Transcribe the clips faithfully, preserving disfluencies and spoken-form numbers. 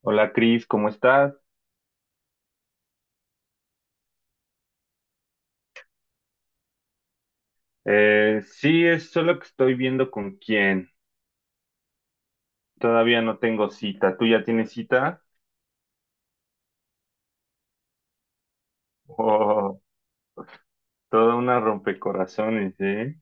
Hola Cris, ¿cómo estás? Eh, sí, es solo que estoy viendo con quién. Todavía no tengo cita. ¿Tú ya tienes cita? Oh, toda una rompecorazones, ¿eh?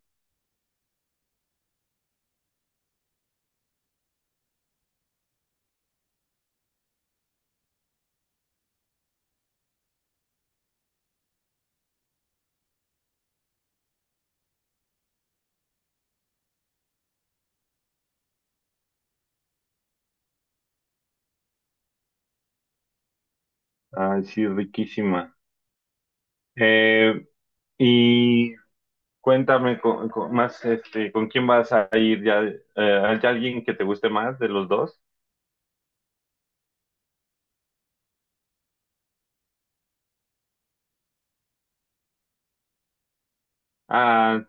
Ay, sí, riquísima. Eh, y cuéntame co- co- más, este, ¿con quién vas a ir ya? Eh, ¿hay alguien que te guste más de los dos? Ah,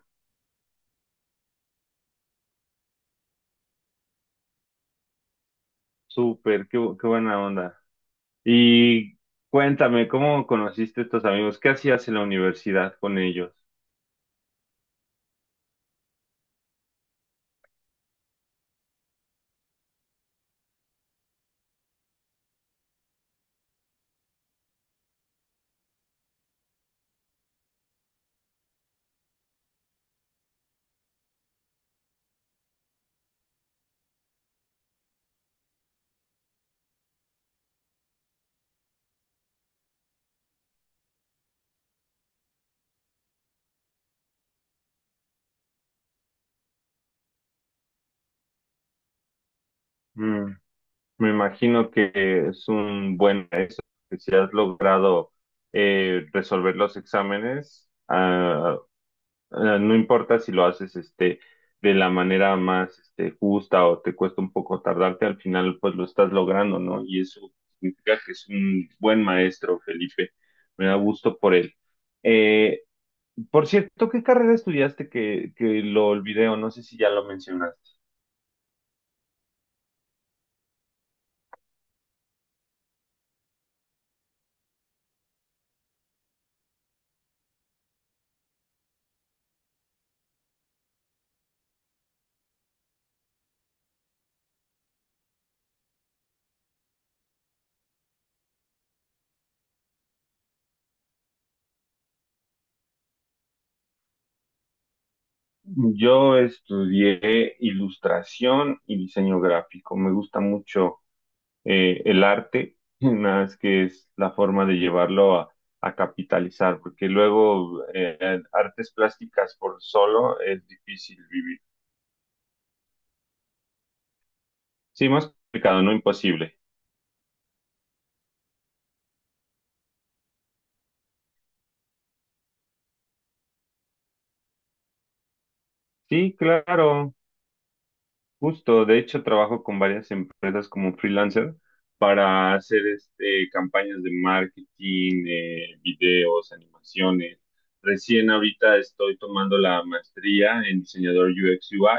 súper, qué, bu- qué buena onda. Y cuéntame, ¿cómo conociste a estos amigos? ¿Qué hacías en la universidad con ellos? Mm. Me imagino que es un buen maestro, que si has logrado eh, resolver los exámenes, ah, ah, no importa si lo haces este, de la manera más este, justa o te cuesta un poco tardarte, al final pues lo estás logrando, ¿no? Y eso significa que es un buen maestro, Felipe. Me da gusto por él. Eh, por cierto, ¿qué carrera estudiaste que, que lo olvidé o no sé si ya lo mencionaste? Yo estudié ilustración y diseño gráfico. Me gusta mucho eh, el arte, nada más que es la forma de llevarlo a, a capitalizar, porque luego eh, artes plásticas por solo es difícil vivir. Sí, más complicado, no imposible. Sí, claro. Justo, de hecho trabajo con varias empresas como freelancer para hacer este, campañas de marketing, eh, videos, animaciones. Recién ahorita estoy tomando la maestría en diseñador U X U I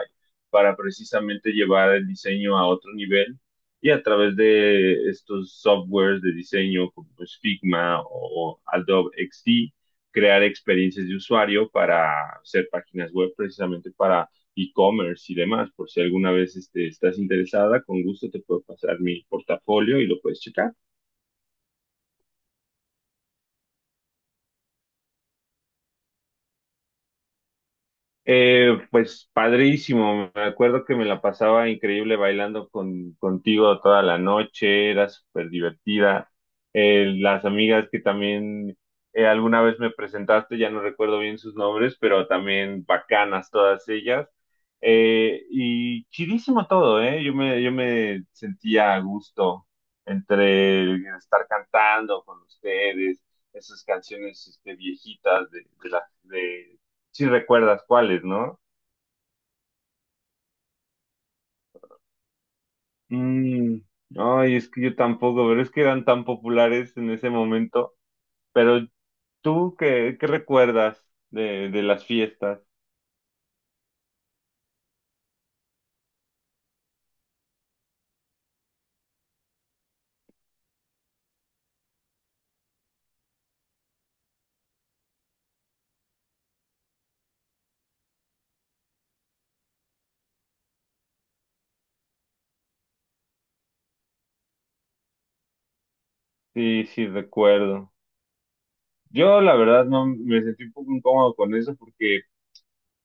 para precisamente llevar el diseño a otro nivel y a través de estos softwares de diseño como pues, Figma o Adobe X D, crear experiencias de usuario para hacer páginas web precisamente e-commerce y demás, por si alguna vez este, estás interesada, con gusto te puedo pasar mi portafolio y lo puedes checar. Eh, pues padrísimo, me acuerdo que me la pasaba increíble bailando con, contigo toda la noche, era súper divertida. Eh, las amigas que también eh, alguna vez me presentaste, ya no recuerdo bien sus nombres, pero también bacanas todas ellas. Eh, y chidísimo todo, ¿eh? Yo me, yo me sentía a gusto entre el estar cantando con ustedes, esas canciones este, viejitas de, de, la- de si recuerdas cuáles, ¿no? Mm, ay, es que yo tampoco, pero es que eran tan populares en ese momento. Pero tú, ¿qué, qué recuerdas de, de las fiestas? Sí, sí, recuerdo. Yo, la verdad, no me sentí un poco incómodo con eso porque,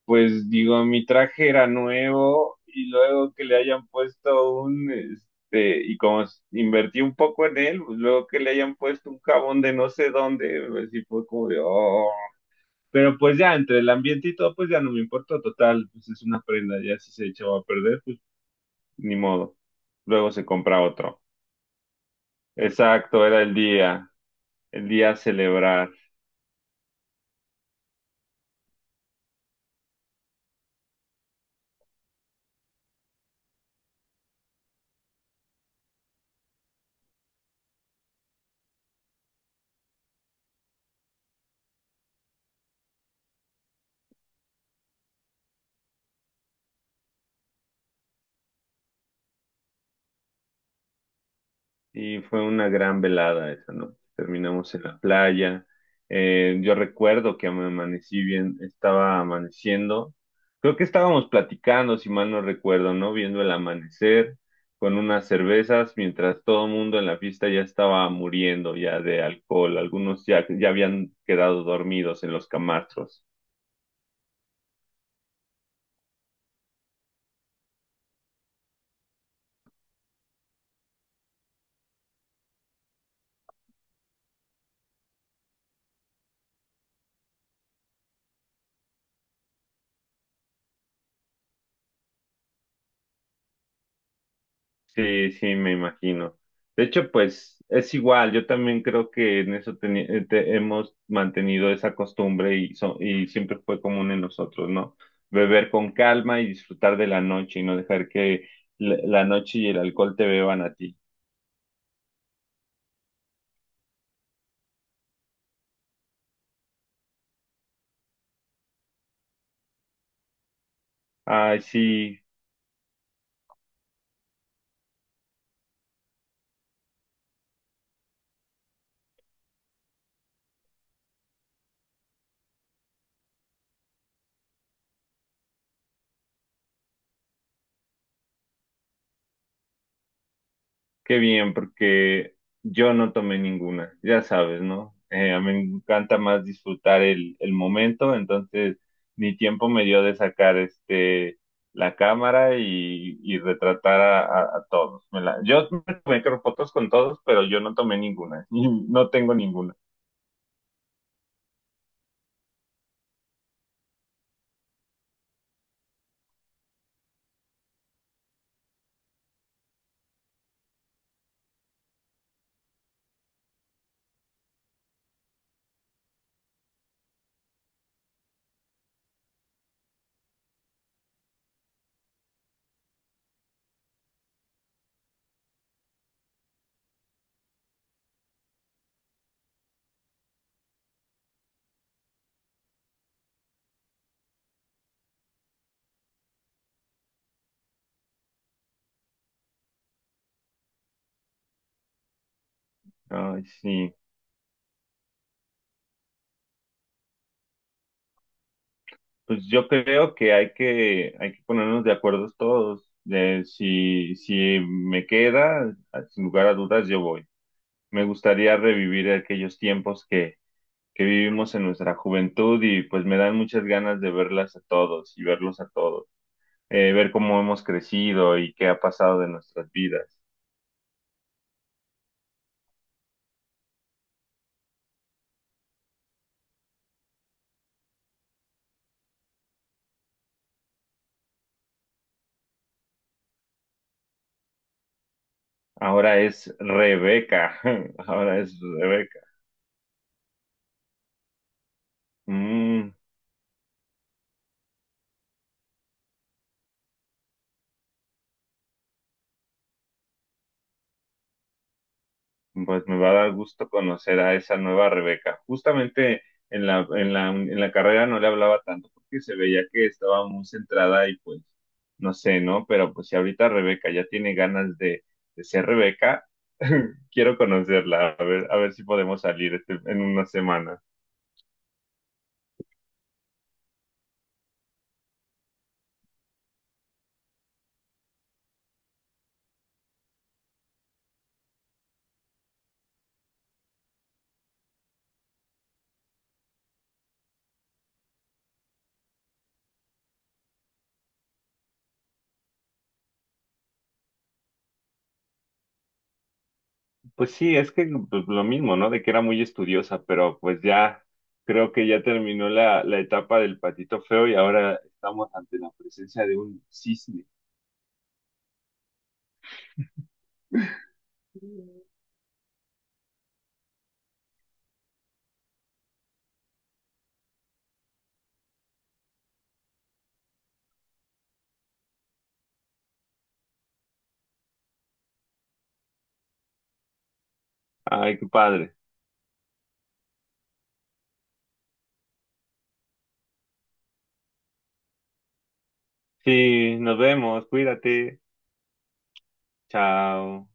pues, digo, mi traje era nuevo y luego que le hayan puesto un, este, y como s- invertí un poco en él, pues luego que le hayan puesto un jabón de no sé dónde, pues sí fue como de, "Oh, Pero pues ya entre el ambiente y todo, pues ya no me importó, total, pues es una prenda, ya si se echaba a perder, pues ni modo. Luego se compra otro. Exacto, era el día, el día a celebrar. Y fue una gran velada esa noche. Terminamos en la playa. Eh, yo recuerdo que me amanecí bien, estaba amaneciendo. Creo que estábamos platicando, si mal no recuerdo, ¿no? Viendo el amanecer con unas cervezas, mientras todo el mundo en la fiesta ya estaba muriendo ya de alcohol. Algunos ya, ya habían quedado dormidos en los camastros. Sí, sí, me imagino. De hecho, pues es igual, yo también creo que en eso teni- eh, te- hemos mantenido esa costumbre y, so- y siempre fue común en nosotros, ¿no? Beber con calma y disfrutar de la noche y no dejar que la la noche y el alcohol te beban a ti. Ay, sí, qué bien, porque yo no tomé ninguna, ya sabes, ¿no? Eh, a mí me encanta más disfrutar el, el momento, entonces ni tiempo me dio de sacar este la cámara y, y retratar a, a- a todos. Me la- yo me tomé creo, fotos con todos, pero yo no tomé ninguna, y no tengo ninguna. Ay, sí. Pues yo creo que hay que, hay que ponernos de acuerdo todos. De si, si me queda, sin lugar a dudas, yo voy. Me gustaría revivir aquellos tiempos que, que vivimos en nuestra juventud y pues me dan muchas ganas de verlas a todos y verlos a todos, eh, ver cómo hemos crecido y qué ha pasado de nuestras vidas. Ahora es Rebeca, ahora es Rebeca. Mm, Pues me va a dar gusto conocer a esa nueva Rebeca. Justamente en la, en la, en la carrera no le hablaba tanto porque se veía que estaba muy centrada y pues no sé, ¿no? Pero pues si ahorita Rebeca ya tiene ganas de, de ser Rebeca, quiero conocerla, a ver, a ver si podemos salir este- en una semana. Pues sí, es que pues, lo mismo, ¿no? De que era muy estudiosa, pero pues ya creo que ya terminó la, la etapa del patito feo y ahora estamos ante la presencia de un cisne. Ay, qué padre. Sí, nos vemos, cuídate, chao.